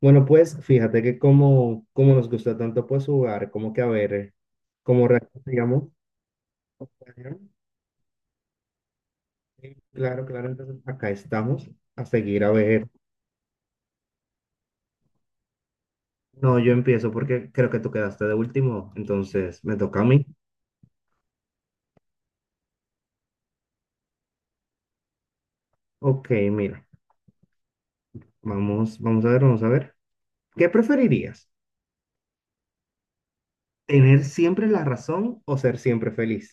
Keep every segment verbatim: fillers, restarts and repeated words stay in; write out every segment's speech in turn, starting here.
Bueno, pues fíjate que como, como nos gusta tanto pues jugar, como que a ver, eh, como reaccionamos. Digamos, opinión. Sí, claro, claro, entonces acá estamos a seguir a ver. No, yo empiezo porque creo que tú quedaste de último, entonces me toca a mí. Ok, mira, vamos, vamos a ver, vamos a ver. ¿Qué preferirías? ¿Tener siempre la razón o ser siempre feliz?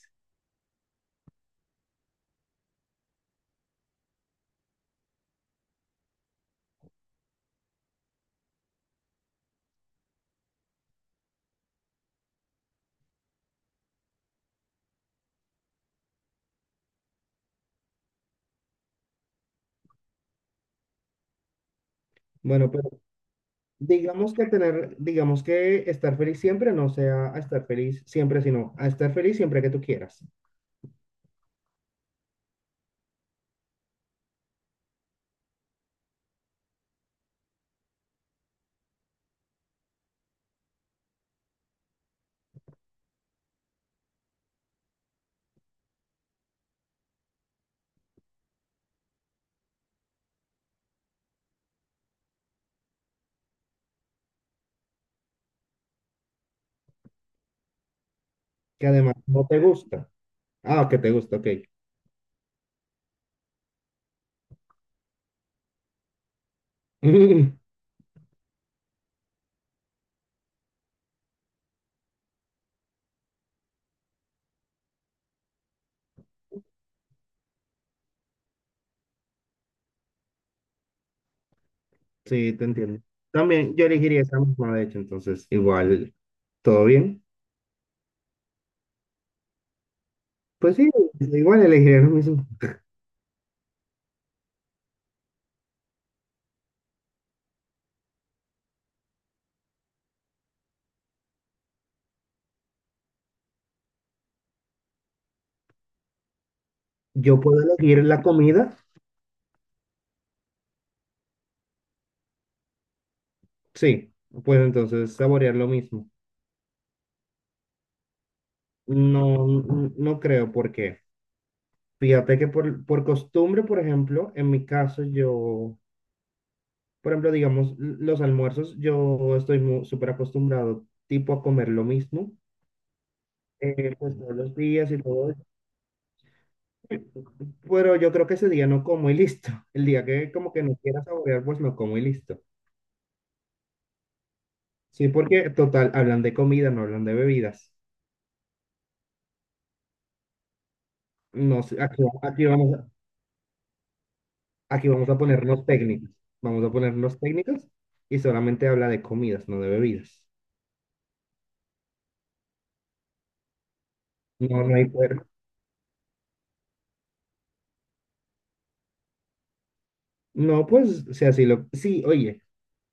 Bueno, pero digamos que tener, digamos que estar feliz siempre no sea a estar feliz siempre, sino a estar feliz siempre que tú quieras. Que además no te gusta. Ah, que te gusta, ok. Sí, te entiendo. También yo elegiría esa misma, de hecho, entonces igual, ¿todo bien? Pues sí, igual elegiría lo mismo. ¿Yo puedo elegir la comida? Sí, pues entonces saborear lo mismo. No, n- no creo, porque fíjate que por, por costumbre, por ejemplo, en mi caso yo, por ejemplo, digamos, l- los almuerzos, yo estoy mu- súper acostumbrado tipo a comer lo mismo. Eh, pues todos los días y todo. Eso. Pero yo creo que ese día no como y listo. El día que como que no quiera saborear, pues no como y listo. Sí, porque total, hablan de comida, no hablan de bebidas. No sé, aquí, aquí vamos, a- aquí vamos a ponernos técnicos. Vamos a ponernos técnicos y solamente habla de comidas, no de bebidas. No, no hay cuerpo. No, pues, o sea, sí, lo, sí, oye,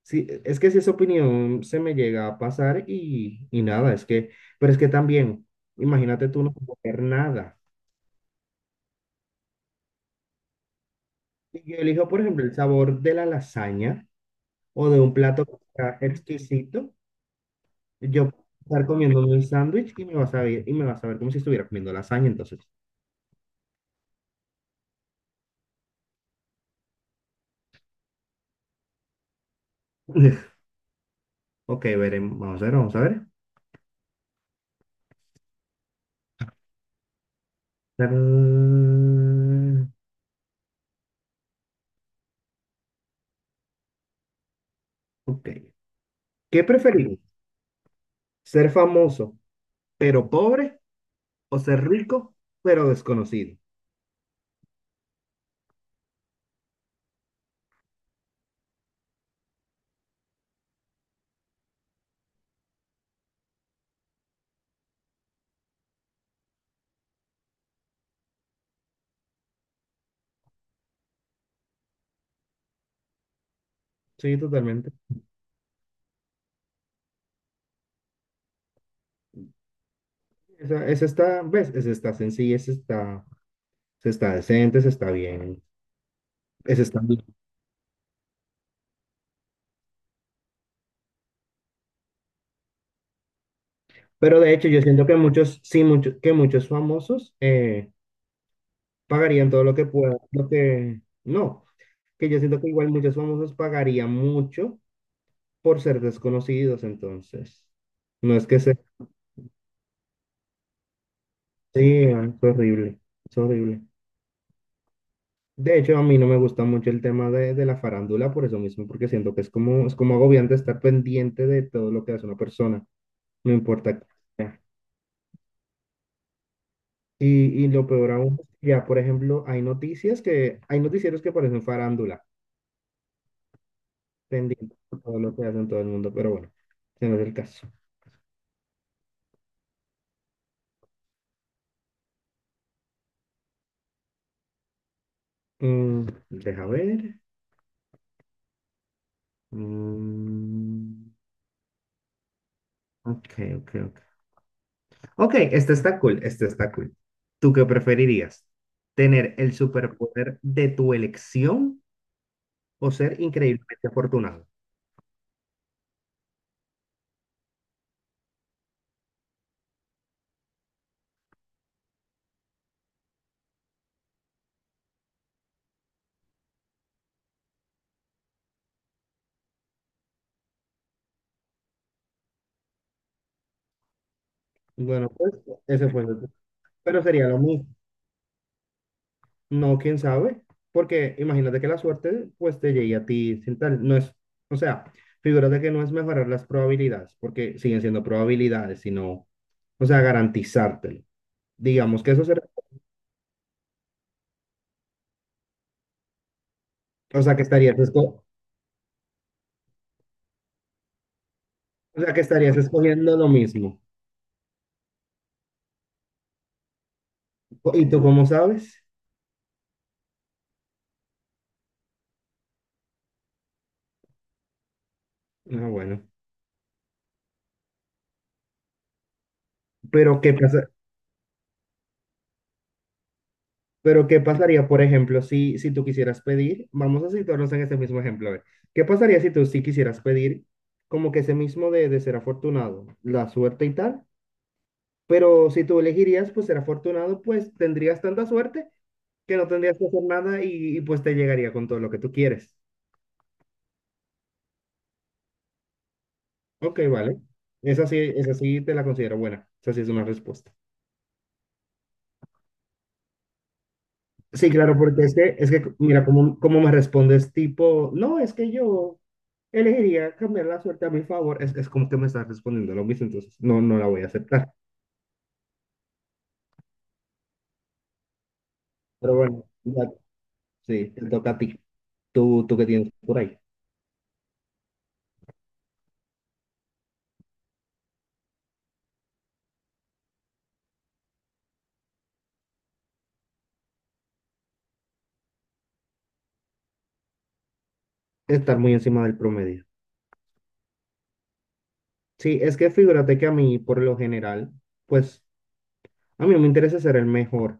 sí, es que si esa opinión se me llega a pasar y, y nada, es que, pero es que también, imagínate tú no comer nada. Yo elijo, por ejemplo, el sabor de la lasaña o de un plato que sea exquisito. Yo puedo estar comiendo un sándwich y me va a saber, y me va a saber como si estuviera comiendo lasaña, entonces. Ok, veremos. Vamos a ver, vamos a ver. Tarán. Ok. ¿Qué preferís? ¿Ser famoso pero pobre o ser rico pero desconocido? Sí, totalmente. Esa, esa está, ¿ves? Esa está sencilla, esa está, esa está decente, esa está bien. Esa está bien. Pero de hecho, yo siento que muchos, sí, muchos, que muchos famosos eh, pagarían todo lo que puedan, lo que no, que yo siento que igual muchos famosos pagarían mucho por ser desconocidos, entonces. No es que sea, sí, es horrible, es horrible. De hecho, a mí no me gusta mucho el tema de, de la farándula por eso mismo, porque siento que es como, es como agobiante estar pendiente de todo lo que hace una persona, no importa qué sea. Y, y lo peor aún, ya por ejemplo, hay noticias que, hay noticieros que parecen farándula. Pendiente por todo lo que hacen todo el mundo, pero bueno, ese no es el caso. Mm, deja ver. Mm, ok, ok, ok. Ok, este está cool, este está cool. ¿Tú qué preferirías? ¿Tener el superpoder de tu elección o ser increíblemente afortunado? Bueno, pues ese fue el otro. Pero sería lo mismo. No, quién sabe, porque imagínate que la suerte pues te llegue a ti sin tal, no es, o sea, figúrate que no es mejorar las probabilidades, porque siguen siendo probabilidades, sino, o sea, garantizártelo. Digamos que eso será, o sea, que estarías esco- o sea, que estarías escogiendo lo mismo. ¿Y tú cómo sabes? Ah, bueno, pero ¿qué pasa? Pero ¿qué pasaría, por ejemplo, si, si tú quisieras pedir, vamos a situarnos en ese mismo ejemplo, a ver, ¿qué pasaría si tú sí quisieras pedir como que ese mismo de, de ser afortunado, la suerte y tal? Pero si tú elegirías, pues ser afortunado, pues tendrías tanta suerte que no tendrías que hacer nada y, y, pues te llegaría con todo lo que tú quieres. Ok, vale. Esa sí, esa sí te la considero buena. Esa sí es una respuesta. Sí, claro, porque es que, es que mira, cómo, cómo me respondes, tipo, no, es que yo elegiría cambiar la suerte a mi favor, es, es como que me estás respondiendo lo mismo, entonces no, no la voy a aceptar. Pero bueno, ya, sí, te toca a ti, tú, tú que tienes por ahí, estar muy encima del promedio. Sí, es que figúrate que a mí, por lo general, pues a mí no me interesa ser el mejor.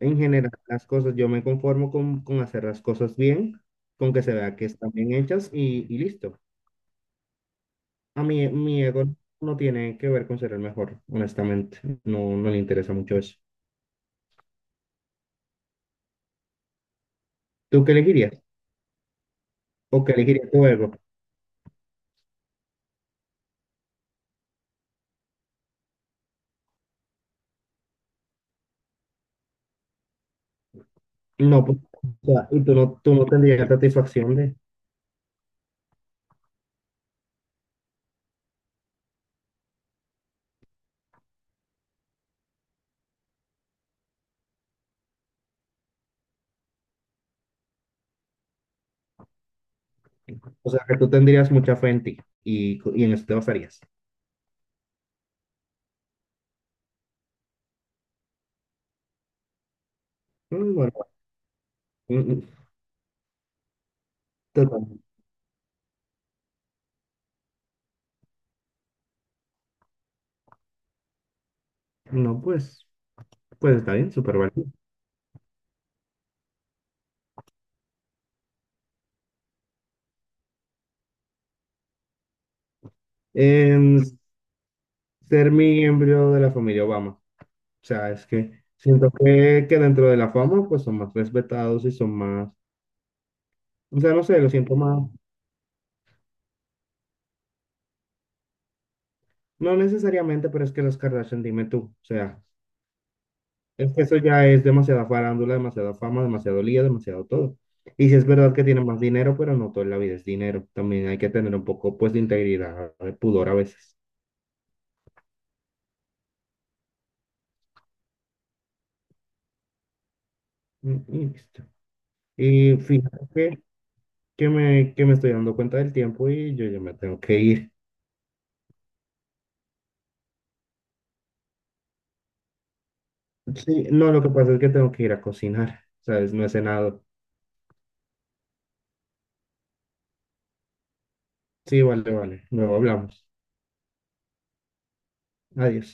En general, las cosas, yo me conformo con, con hacer las cosas bien, con que se vea que están bien hechas y, y listo. A mí, mi ego no tiene que ver con ser el mejor, honestamente. No, no le interesa mucho eso. ¿Tú qué elegirías? ¿O qué elegirías tu ego? No, pues, o sea, y tú no, tú no tendrías satisfacción de… O sea, que tú tendrías mucha fe en ti y, co- y en eso te basarías. Mm, bueno, mm, mm, total. No, pues, pues está bien, súper válido. Em, Ser miembro de la familia Obama. O sea, es que siento que, que dentro de la fama, pues son más respetados y son más… O sea, no sé, lo siento más. No necesariamente, pero es que las Kardashian, dime tú, o sea, es que eso ya es demasiada farándula, demasiada fama, demasiado lío, demasiado todo. Y si es verdad que tienen más dinero, pero no toda la vida es dinero. También hay que tener un poco, pues, de integridad, de pudor a veces. Mm, y listo. Y fíjate que, que me, que me estoy dando cuenta del tiempo y yo ya me tengo que ir. Sí, no, lo que pasa es que tengo que ir a cocinar, ¿sabes? No he cenado. Sí, vale, vale. Luego hablamos. Adiós.